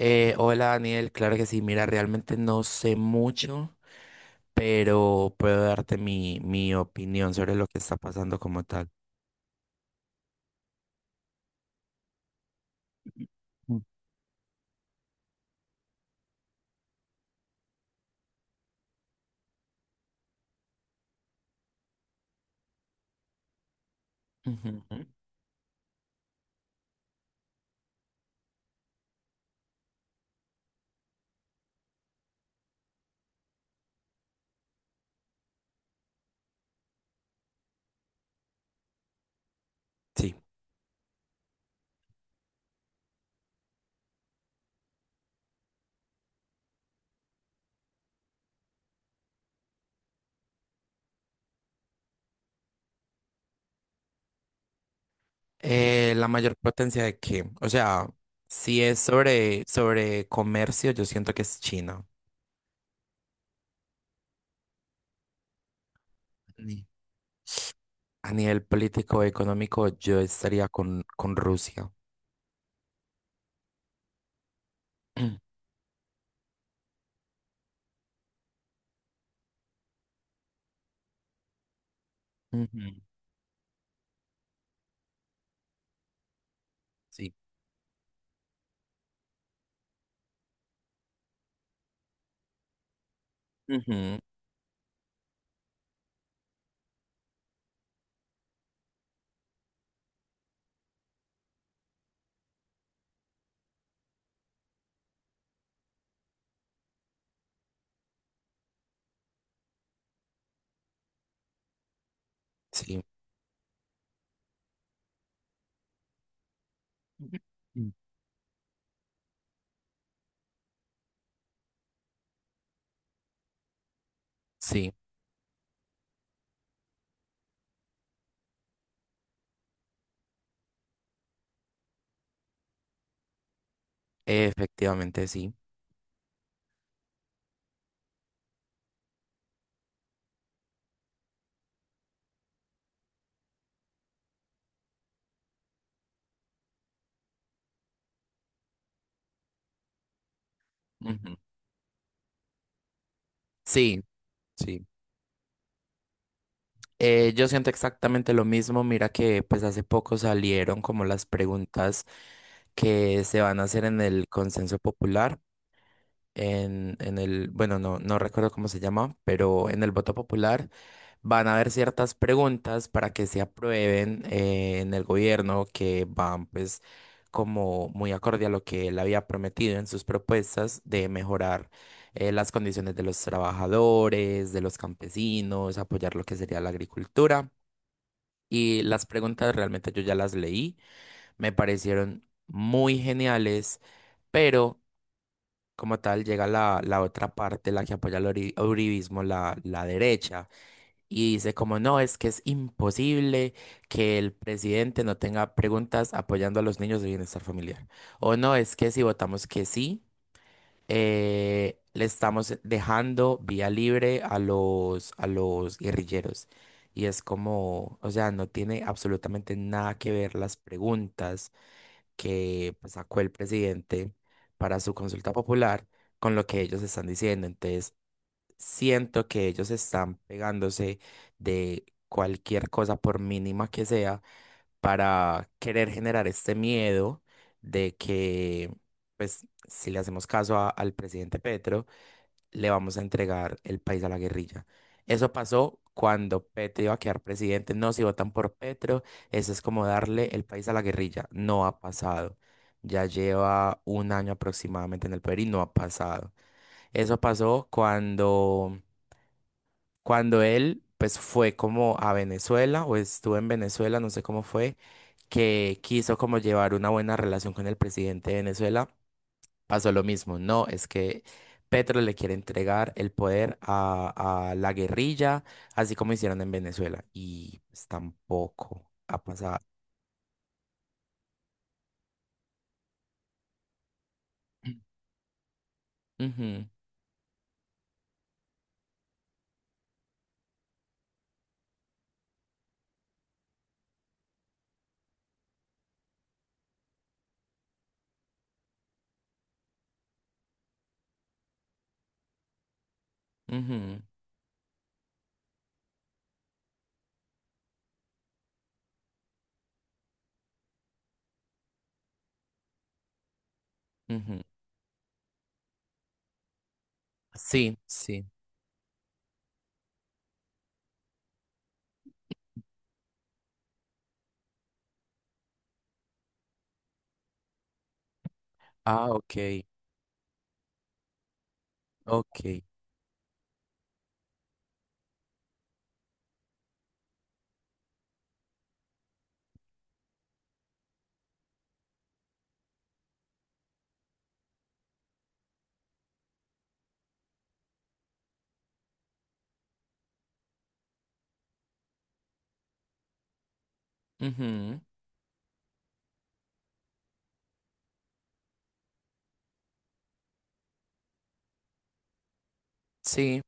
Hola Daniel, claro que sí, mira, realmente no sé mucho, pero puedo darte mi opinión sobre lo que está pasando como tal. Mm. Ujú, ujú. Sí. ¿La mayor potencia de qué? O sea, si es sobre comercio, yo siento que es China. Ni- A nivel político económico, yo estaría con Rusia. Ujú. Sí. Ujú. Sí. Ujú. Sí, efectivamente, sí. Ujú. Sí, sí. Yo siento exactamente lo mismo. Mira que pues hace poco salieron como las preguntas que se van a hacer en el consenso popular, en el, bueno, no recuerdo cómo se llama, pero en el voto popular van a haber ciertas preguntas para que se aprueben en el gobierno, que van pues como muy acorde a lo que él había prometido en sus propuestas de mejorar las condiciones de los trabajadores, de los campesinos, apoyar lo que sería la agricultura. Y las preguntas realmente yo ya las leí, me parecieron muy geniales, pero como tal llega la otra parte, la que apoya el uribismo, la derecha, y dice como no, es que es imposible que el presidente no tenga preguntas apoyando a los niños de bienestar familiar. O no, es que si votamos que sí le estamos dejando vía libre a los guerrilleros. Y es como, o sea, no tiene absolutamente nada que ver las preguntas que pues, sacó el presidente para su consulta popular con lo que ellos están diciendo. Entonces, siento que ellos están pegándose de cualquier cosa, por mínima que sea, para querer generar este miedo de que, pues, si le hacemos caso al presidente Petro, le vamos a entregar el país a la guerrilla. Eso pasó cuando Petro iba a quedar presidente. No, si votan por Petro, eso es como darle el país a la guerrilla. No ha pasado. Ya lleva un año aproximadamente en el poder y no ha pasado. Eso pasó cuando, cuando él, pues, fue como a Venezuela o estuvo en Venezuela, no sé cómo fue que quiso como llevar una buena relación con el presidente de Venezuela, pasó lo mismo. No, es que Petro le quiere entregar el poder a la guerrilla, así como hicieron en Venezuela. Y pues tampoco ha pasado. Ujú, ujú, ujú. Sí, sí. Ah, ok, ok. Ujú. Sí,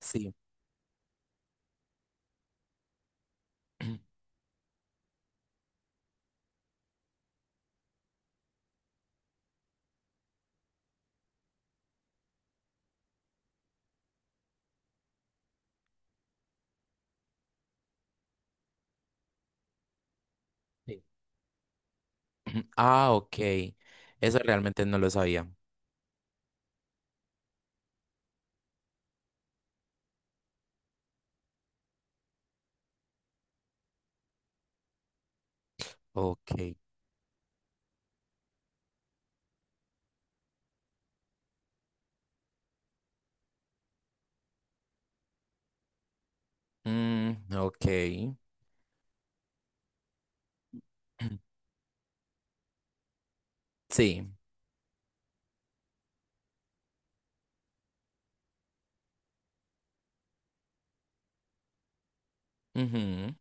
sí. Sí. Ah, ok. Eso realmente no lo sabía. Ok. Mm, ok. Sí. Ujú.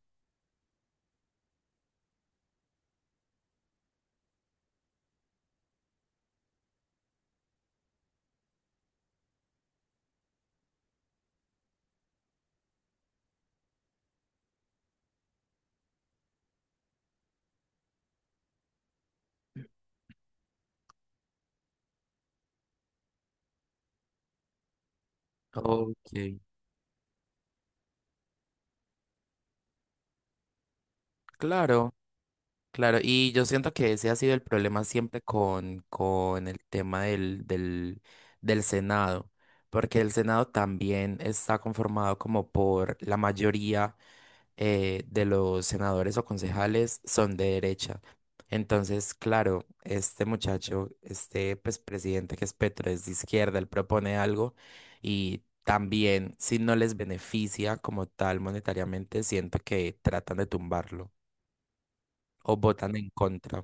Ok, claro. Claro, y yo siento que ese ha sido el problema siempre con el tema del Senado, porque el Senado también está conformado como por la mayoría, de los senadores o concejales son de derecha. Entonces, claro, este muchacho, este pues, presidente que es Petro es de izquierda, él propone algo y también si no les beneficia como tal monetariamente, siento que tratan de tumbarlo o votan en contra.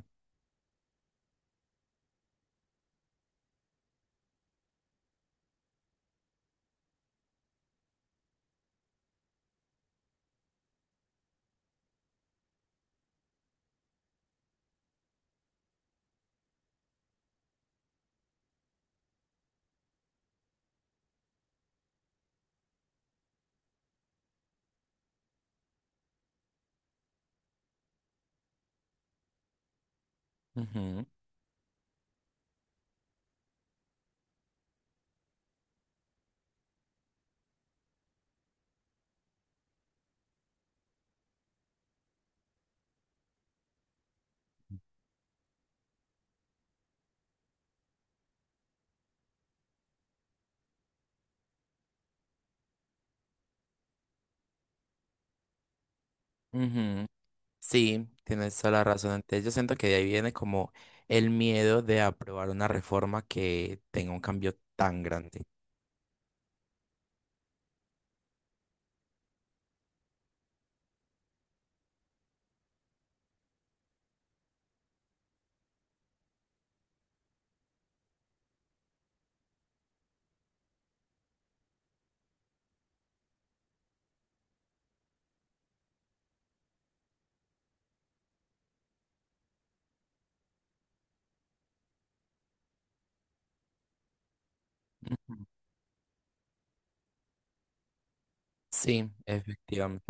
Ujú, ujú. Sí, tienes toda la razón. Entonces yo siento que de ahí viene como el miedo de aprobar una reforma que tenga un cambio tan grande. Ujú. Sí, efectivamente.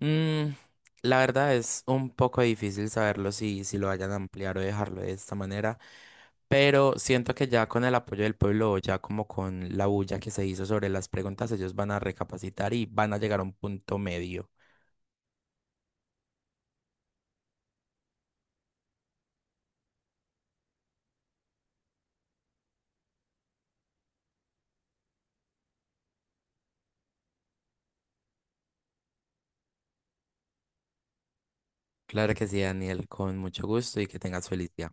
Mm, la verdad es un poco difícil saberlo, si, si lo vayan a ampliar o dejarlo de esta manera, pero siento que ya con el apoyo del pueblo, ya como con la bulla que se hizo sobre las preguntas, ellos van a recapacitar y van a llegar a un punto medio. Claro que sí, Daniel, con mucho gusto y que tengas felicidad.